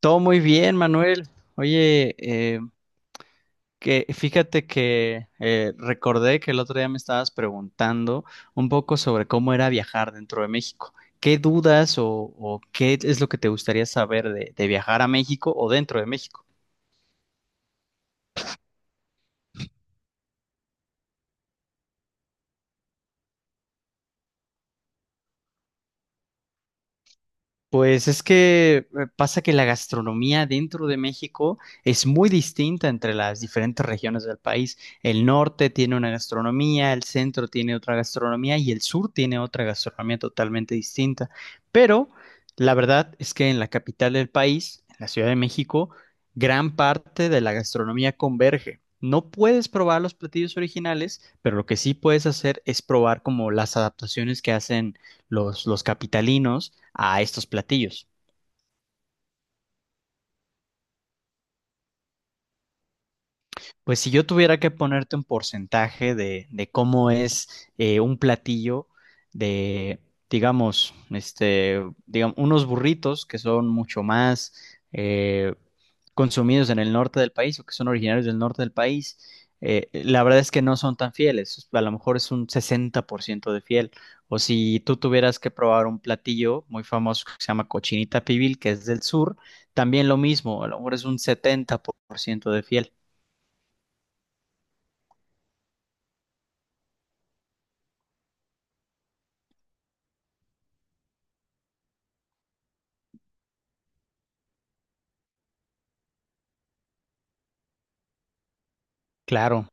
Todo muy bien, Manuel. Oye, que fíjate que recordé que el otro día me estabas preguntando un poco sobre cómo era viajar dentro de México. ¿Qué dudas o qué es lo que te gustaría saber de viajar a México o dentro de México? Pues es que pasa que la gastronomía dentro de México es muy distinta entre las diferentes regiones del país. El norte tiene una gastronomía, el centro tiene otra gastronomía y el sur tiene otra gastronomía totalmente distinta. Pero la verdad es que en la capital del país, en la Ciudad de México, gran parte de la gastronomía converge. No puedes probar los platillos originales, pero lo que sí puedes hacer es probar como las adaptaciones que hacen los capitalinos a estos platillos. Pues si yo tuviera que ponerte un porcentaje de cómo es un platillo de, digamos, este, digamos, unos burritos que son mucho más eh, consumidos en el norte del país o que son originarios del norte del país, la verdad es que no son tan fieles. A lo mejor es un 60% de fiel. O si tú tuvieras que probar un platillo muy famoso que se llama cochinita pibil, que es del sur, también lo mismo. A lo mejor es un 70% de fiel. Claro.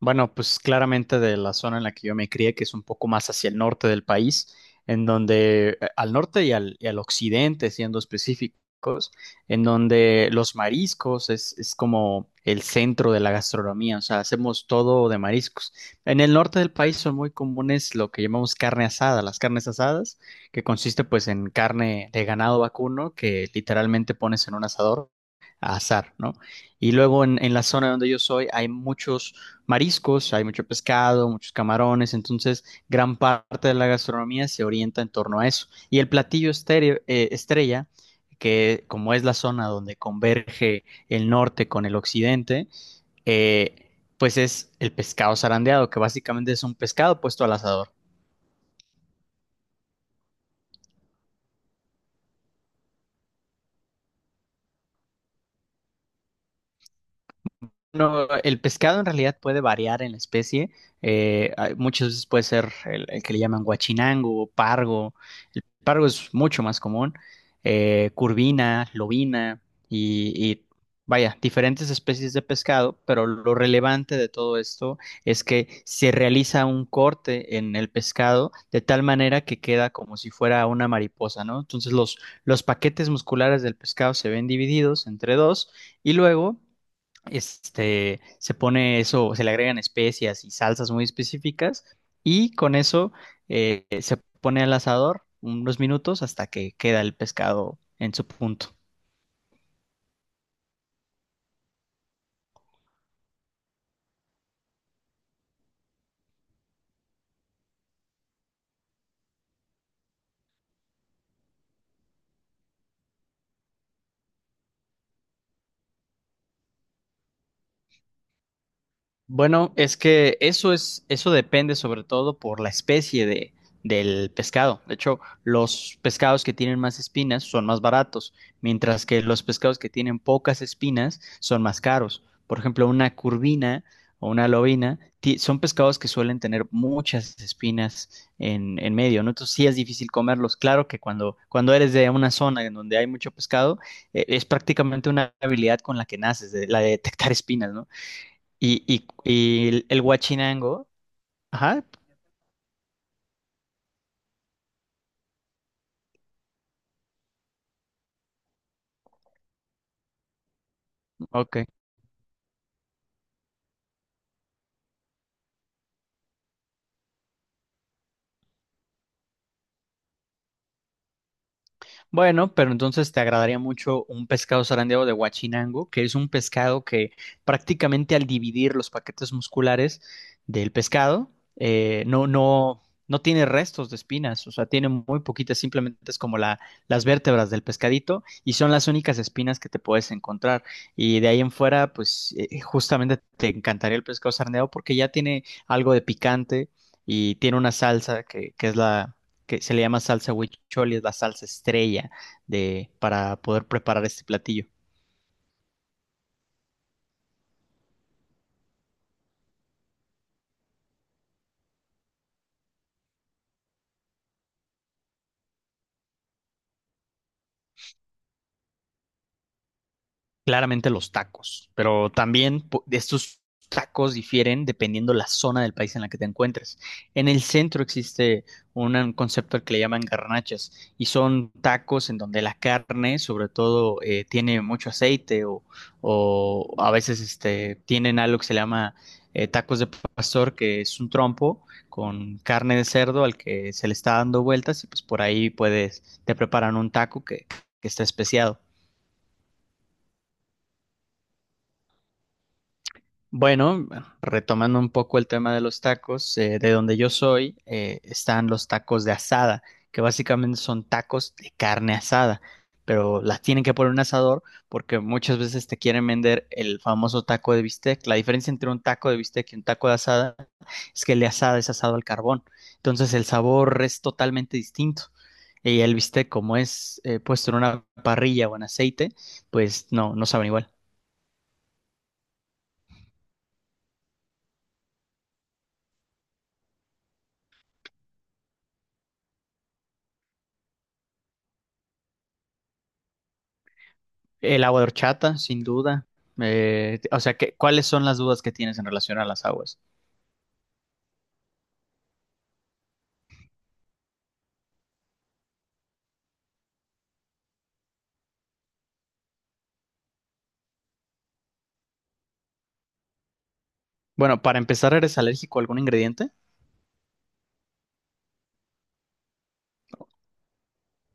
Bueno, pues claramente de la zona en la que yo me crié, que es un poco más hacia el norte del país, en donde al norte y al occidente, siendo específicos, en donde los mariscos es como el centro de la gastronomía, o sea, hacemos todo de mariscos. En el norte del país son muy comunes lo que llamamos carne asada, las carnes asadas, que consiste pues en carne de ganado vacuno que literalmente pones en un asador a azar, ¿no? Y luego en la zona donde yo soy hay muchos mariscos, hay mucho pescado, muchos camarones, entonces gran parte de la gastronomía se orienta en torno a eso. Y el platillo estrella, que como es la zona donde converge el norte con el occidente, eh, pues es el pescado zarandeado, que básicamente es un pescado puesto al asador. Bueno, el pescado en realidad puede variar en la especie. Muchas veces puede ser el que le llaman guachinango o pargo. El pargo es mucho más común. Curvina, lobina y vaya, diferentes especies de pescado, pero lo relevante de todo esto es que se realiza un corte en el pescado de tal manera que queda como si fuera una mariposa, ¿no? Entonces los paquetes musculares del pescado se ven divididos entre dos y luego este, se pone eso, se le agregan especias y salsas muy específicas y con eso se pone al asador unos minutos hasta que queda el pescado en su punto. Bueno, es que eso es, eso depende sobre todo por la especie de, del pescado. De hecho, los pescados que tienen más espinas son más baratos, mientras que los pescados que tienen pocas espinas son más caros. Por ejemplo, una curvina o una son pescados que suelen tener muchas espinas en medio, ¿no? Entonces sí es difícil comerlos. Claro que cuando, cuando eres de una zona en donde hay mucho pescado, es prácticamente una habilidad con la que naces, la de detectar espinas, ¿no? Y el Huachinango, ajá, ok. Bueno, pero entonces te agradaría mucho un pescado zarandeado de Huachinango, que es un pescado que prácticamente al dividir los paquetes musculares del pescado, eh, no, no, no tiene restos de espinas, o sea, tiene muy poquitas, simplemente es como la, las vértebras del pescadito y son las únicas espinas que te puedes encontrar. Y de ahí en fuera, pues justamente te encantaría el pescado zarandeado porque ya tiene algo de picante y tiene una salsa que es la que se le llama salsa huichol y es la salsa estrella de, para poder preparar este platillo. Claramente los tacos, pero también estos tacos difieren dependiendo la zona del país en la que te encuentres. En el centro existe un concepto al que le llaman garnachas y son tacos en donde la carne, sobre todo, tiene mucho aceite o a veces este, tienen algo que se llama tacos de pastor, que es un trompo con carne de cerdo al que se le está dando vueltas y pues por ahí puedes, te preparan un taco que está especiado. Bueno, retomando un poco el tema de los tacos, de donde yo soy, están los tacos de asada, que básicamente son tacos de carne asada, pero las tienen que poner en un asador porque muchas veces te quieren vender el famoso taco de bistec. La diferencia entre un taco de bistec y un taco de asada es que el de asada es asado al carbón, entonces el sabor es totalmente distinto. Y el bistec, como es puesto en una parrilla o en aceite, pues no, no saben igual. El agua de horchata, sin duda. O sea, ¿qué- ¿cuáles son las dudas que tienes en relación a las aguas? Bueno, para empezar, ¿eres alérgico a algún ingrediente?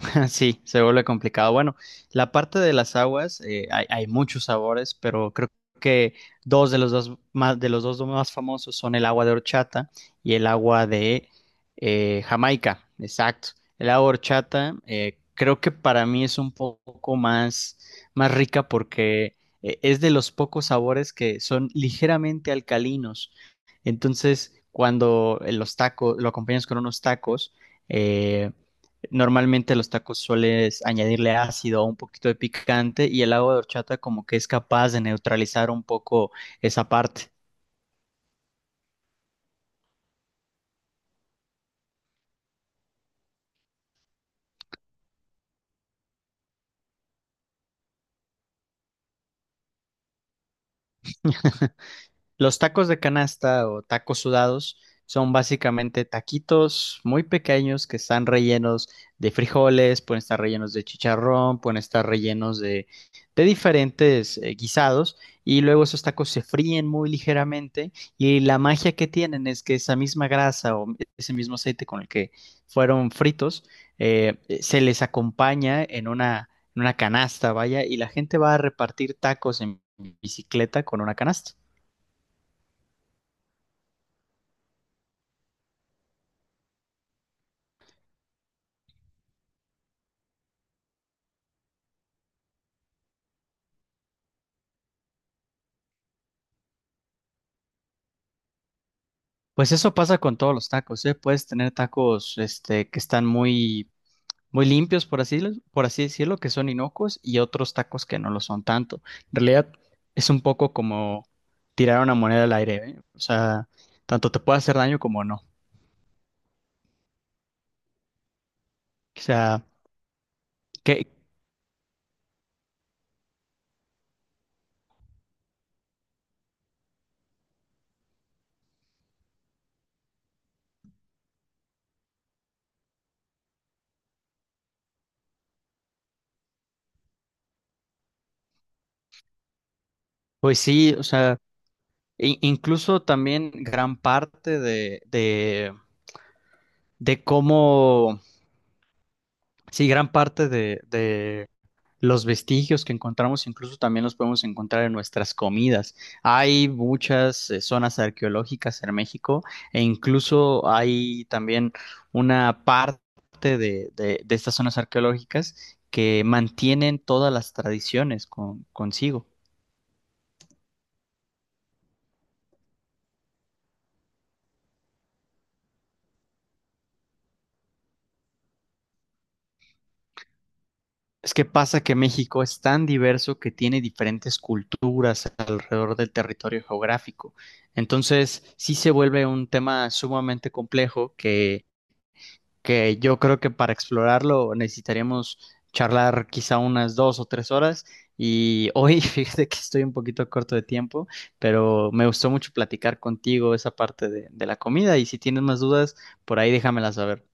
Sí, se vuelve complicado. Bueno, la parte de las aguas, hay muchos sabores, pero creo que dos de los dos más, de los dos más famosos son el agua de horchata y el agua de Jamaica. Exacto. El agua de horchata, creo que para mí es un poco más, más rica porque es de los pocos sabores que son ligeramente alcalinos. Entonces, cuando los tacos, lo acompañas con unos tacos, eh, normalmente a los tacos sueles añadirle ácido o un poquito de picante y el agua de horchata como que es capaz de neutralizar un poco esa parte. Los tacos de canasta o tacos sudados son básicamente taquitos muy pequeños que están rellenos de frijoles, pueden estar rellenos de chicharrón, pueden estar rellenos de diferentes guisados y luego esos tacos se fríen muy ligeramente y la magia que tienen es que esa misma grasa o ese mismo aceite con el que fueron fritos se les acompaña en una canasta, vaya, y la gente va a repartir tacos en bicicleta con una canasta. Pues eso pasa con todos los tacos, ¿eh? Puedes tener tacos, este, que están muy, muy limpios, por así decirlo, que son inocuos, y otros tacos que no lo son tanto. En realidad es un poco como tirar una moneda al aire, ¿eh? O sea, tanto te puede hacer daño como no. O sea, que, pues sí, o sea, incluso también gran parte de cómo, sí, gran parte de los vestigios que encontramos incluso también los podemos encontrar en nuestras comidas. Hay muchas zonas arqueológicas en México e incluso hay también una parte de, de estas zonas arqueológicas que mantienen todas las tradiciones consigo. Es que pasa que México es tan diverso que tiene diferentes culturas alrededor del territorio geográfico. Entonces, sí se vuelve un tema sumamente complejo que yo creo que para explorarlo necesitaríamos charlar quizá unas 2 o 3 horas. Y hoy fíjate que estoy un poquito corto de tiempo, pero me gustó mucho platicar contigo esa parte de la comida y si tienes más dudas, por ahí déjamelas saber.